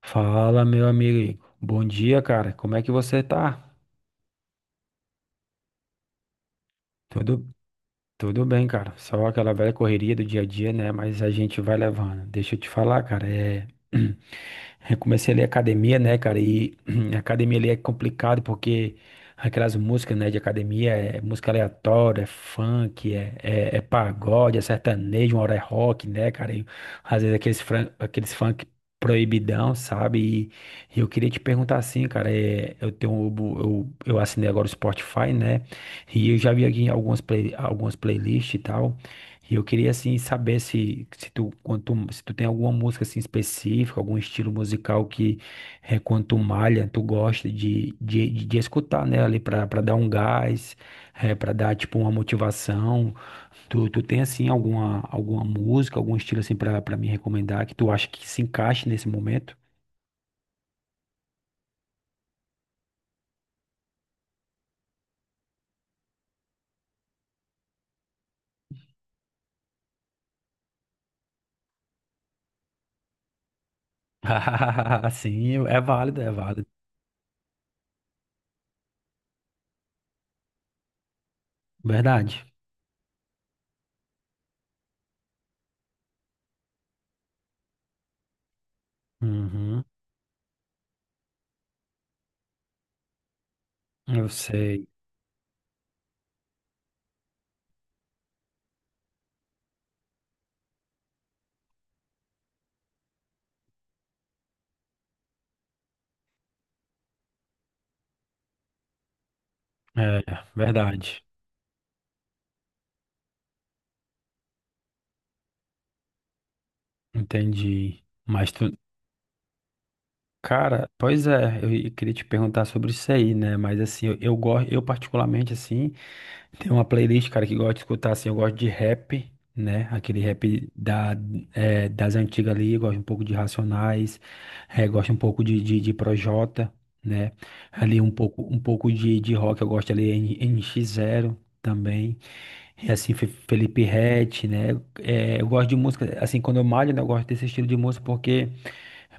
Fala, meu amigo. Bom dia, cara. Como é que você tá? Tudo Tudo bem, cara. Só aquela velha correria do dia a dia, né? Mas a gente vai levando. Deixa eu te falar, cara. Eu comecei a ler academia, né, cara? E a academia ali é complicado porque aquelas músicas, né, de academia é música aleatória, é funk, é pagode, é sertanejo, uma hora é rock, né, cara? E, às vezes aqueles funk proibidão, sabe? E eu queria te perguntar assim, cara. Eu tenho, eu assinei agora o Spotify, né? E eu já vi aqui em algumas playlists e tal. E eu queria assim saber se, se tu tem alguma música assim específica, algum estilo musical que é, quando tu malha, tu gosta de escutar, né, ali pra, pra dar um gás, pra dar tipo uma motivação. Tu, tu tem assim alguma, alguma música, algum estilo assim pra, pra me recomendar que tu acha que se encaixe nesse momento? Sim, é válido, é válido. Verdade. Uhum, eu sei. É, verdade. Entendi. Cara, pois é, queria te perguntar sobre isso aí, né? Mas assim, eu gosto, eu particularmente assim, tem uma playlist, cara, que gosto de escutar assim, eu gosto de rap, né? Aquele rap da, é, das antigas ali, eu gosto um pouco de Racionais, é, gosto um pouco de Projota, né? Ali um pouco de rock, eu gosto ali N X zero também. É assim, Felipe Ret, né? É, eu gosto de música, assim, quando eu malho, né, eu gosto desse estilo de música porque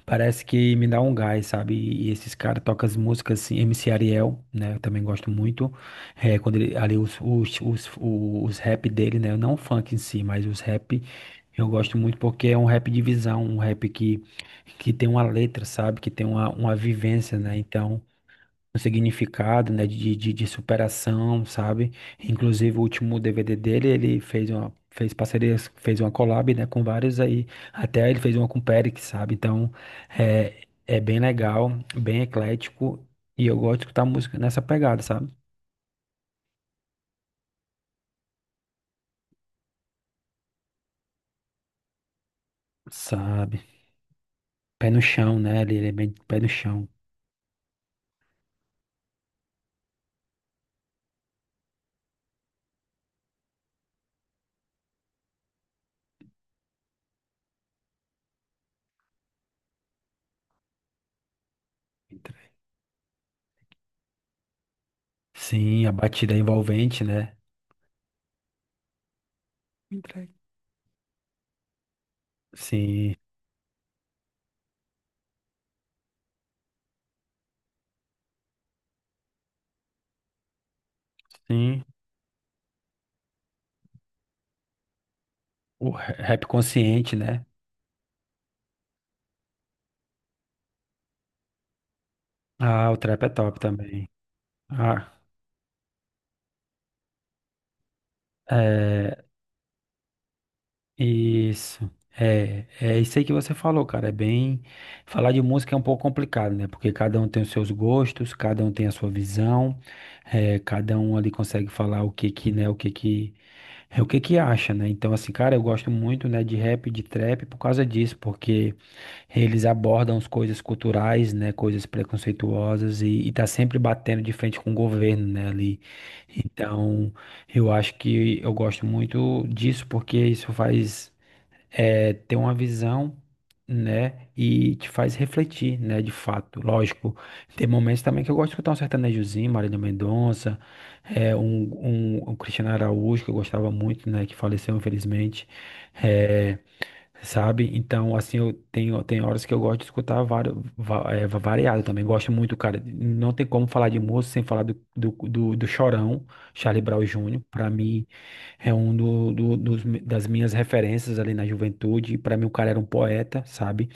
parece que me dá um gás, sabe? E esses caras tocam as músicas assim, MC Ariel, né? Eu também gosto muito. É, quando ele, ali os rap dele, né? Não o funk em si, mas os rap eu gosto muito porque é um rap de visão, um rap que tem uma letra, sabe? Que tem uma vivência, né? Então um significado, né, de superação, sabe? Inclusive, o último DVD dele, ele fez uma, fez parcerias, fez uma collab, né, com vários aí, até ele fez uma com o Perix, sabe? Então, é, é bem legal, bem eclético, e eu gosto de escutar música nessa pegada, sabe? Sabe? Pé no chão, né, ele é bem pé no chão. Sim, a batida é envolvente, né? Entregue. Sim, sim. O rap consciente, né? Ah, o trap é top também. Ah. É, isso. É, é isso aí que você falou, cara. É bem. Falar de música é um pouco complicado, né? Porque cada um tem os seus gostos, cada um tem a sua visão, é, cada um ali consegue falar o que que, né, o que que, é o que que acha, né? Então, assim, cara, eu gosto muito, né, de rap, de trap por causa disso, porque. Eles abordam as coisas culturais, né, coisas preconceituosas e tá sempre batendo de frente com o governo, né, ali. Então, eu acho que eu gosto muito disso porque isso faz é, ter uma visão, né, e te faz refletir, né, de fato. Lógico, tem momentos também que eu gosto de escutar um sertanejozinho, Marília Mendonça, é, um Cristiano Araújo, que eu gostava muito, né, que faleceu infelizmente. É, sabe? Então, assim, eu tenho, tem horas que eu gosto de escutar vários, variado também. Gosto muito, cara. Não tem como falar de música sem falar do Chorão, Charlie Brown Júnior. Para mim, é um das minhas referências ali na juventude. Para mim, o cara era um poeta, sabe?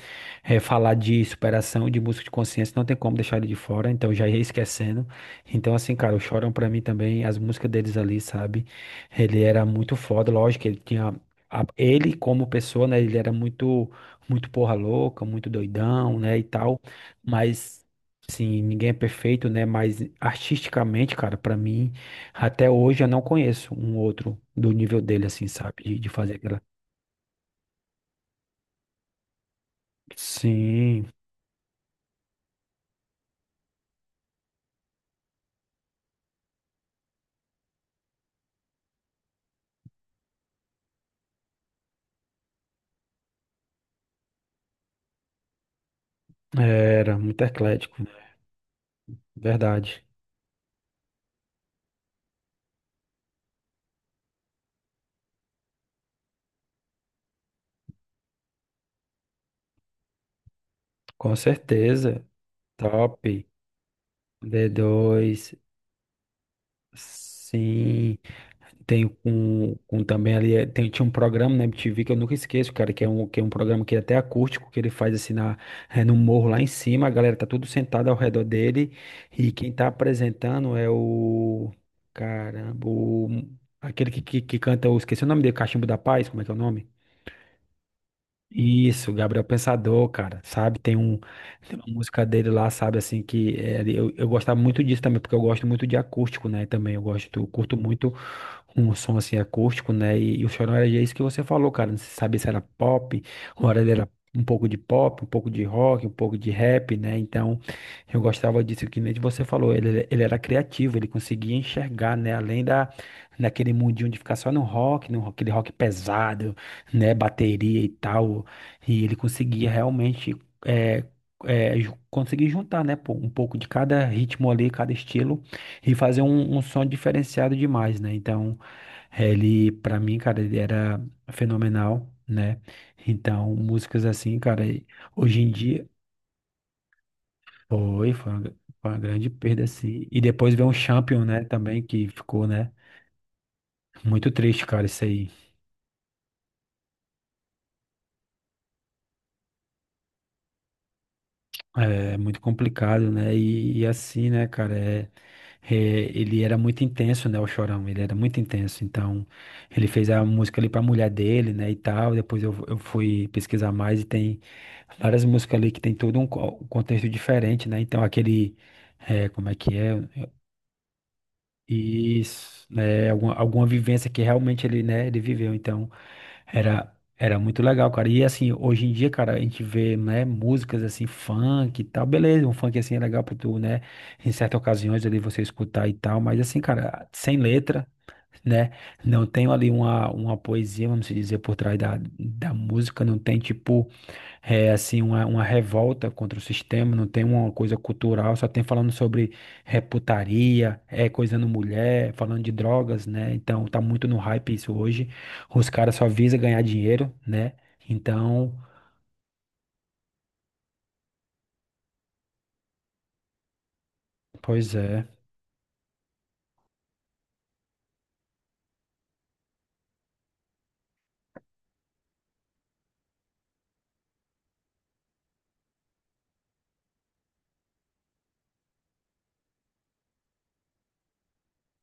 É, falar de superação, de música de consciência, não tem como deixar ele de fora. Então, já ia esquecendo. Então, assim, cara, o Chorão para mim também, as músicas deles ali, sabe? Ele era muito foda, lógico, ele tinha ele como pessoa, né, ele era muito porra louca, muito doidão, né, e tal, mas sim, ninguém é perfeito, né, mas artisticamente, cara, pra mim, até hoje eu não conheço um outro do nível dele assim, sabe, de fazer aquela. Sim, era muito eclético, né? Verdade. Com certeza. Top. D dois. Sim, tenho com também ali, tem, tinha um programa na MTV que eu nunca esqueço, cara, que é um programa que é até acústico, que ele faz assim na, no morro lá em cima, a galera tá tudo sentada ao redor dele, e quem tá apresentando é o, caramba, aquele que canta, eu esqueci o nome dele, Cachimbo da Paz, como é que é o nome? Isso, Gabriel Pensador, cara, sabe? Tem um, tem uma música dele lá, sabe, assim, que é, eu gostava muito disso também, porque eu gosto muito de acústico, né? Também eu gosto, eu curto muito um som assim acústico, né? E o Chorão era isso que você falou, cara. Não se sabia se era pop, ou era ele era um pouco de pop, um pouco de rock, um pouco de rap, né? Então, eu gostava disso que nem você falou. Ele era criativo, ele conseguia enxergar, né? Além da, daquele mundinho de ficar só no rock, no, aquele rock pesado, né, bateria e tal. E ele conseguia realmente é, conseguir juntar, né, pô, um pouco de cada ritmo ali, cada estilo, e fazer um, um som diferenciado demais, né? Então, é, ele, pra mim, cara, ele era fenomenal, né? Então, músicas assim, cara, e hoje em dia, foi, foi uma grande perda, assim. E depois veio um Champion, né, também, que ficou, né, muito triste, cara, isso aí. É, é muito complicado, né? E assim, né, cara, é, é, ele era muito intenso, né, o Chorão, ele era muito intenso, então ele fez a música ali pra mulher dele, né, e tal, depois eu fui pesquisar mais e tem várias músicas ali que tem todo um um contexto diferente, né, então aquele, é, como é que é? Isso, né, alguma, alguma vivência que realmente ele, né, ele viveu, então era, era muito legal, cara, e assim, hoje em dia, cara, a gente vê, né, músicas assim, funk e tal, beleza, um funk assim é legal pra tu, né, em certas ocasiões ali você escutar e tal, mas assim, cara, sem letra, né, não tem ali uma poesia, vamos dizer, por trás da, da música, não tem, tipo, é assim, uma revolta contra o sistema, não tem uma coisa cultural, só tem falando sobre é, putaria, é coisa no mulher, falando de drogas, né? Então tá muito no hype isso hoje. Os caras só visam ganhar dinheiro, né? Então, pois é.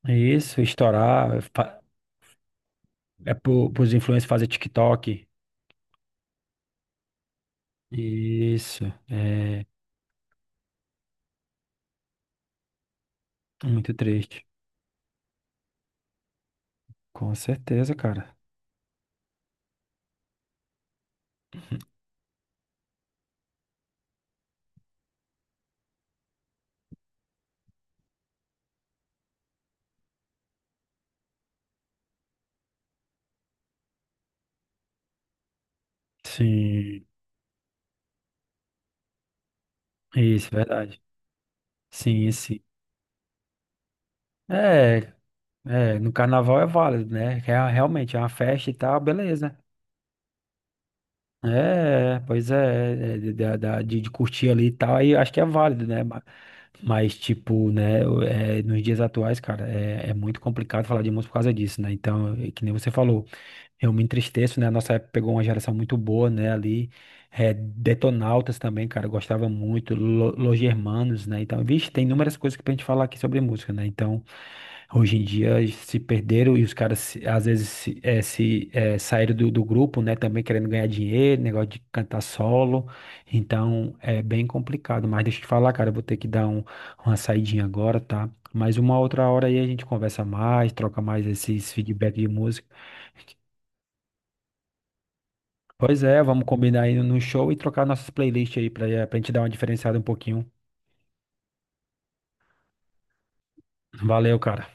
Isso, é pro, pros influencers fazer TikTok. Isso, é muito triste. Com certeza, cara. Sim, isso, verdade. Sim, sim. É, é, no carnaval é válido, né? Realmente, é uma festa e tal, beleza. É, pois é, é, é, de, de curtir ali e tal, aí eu acho que é válido, né? Mas, tipo, né, é, nos dias atuais, cara, é, é muito complicado falar de música por causa disso, né? Então, é que nem você falou, eu me entristeço, né? A nossa época pegou uma geração muito boa, né? Ali, é, Detonautas também, cara, eu gostava muito, Los Hermanos, né? Então, vixe, tem inúmeras coisas que pra gente falar aqui sobre música, né? Então, hoje em dia se perderam e os caras, às vezes, se, é, se, é, saíram do, do grupo, né? Também querendo ganhar dinheiro, negócio de cantar solo. Então, é bem complicado. Mas deixa eu te falar, cara, eu vou ter que dar um, uma saidinha agora, tá? Mas uma outra hora aí a gente conversa mais, troca mais esses feedback de música. Pois é, vamos combinar aí no show e trocar nossas playlists aí pra, pra gente dar uma diferenciada um pouquinho. Valeu, cara.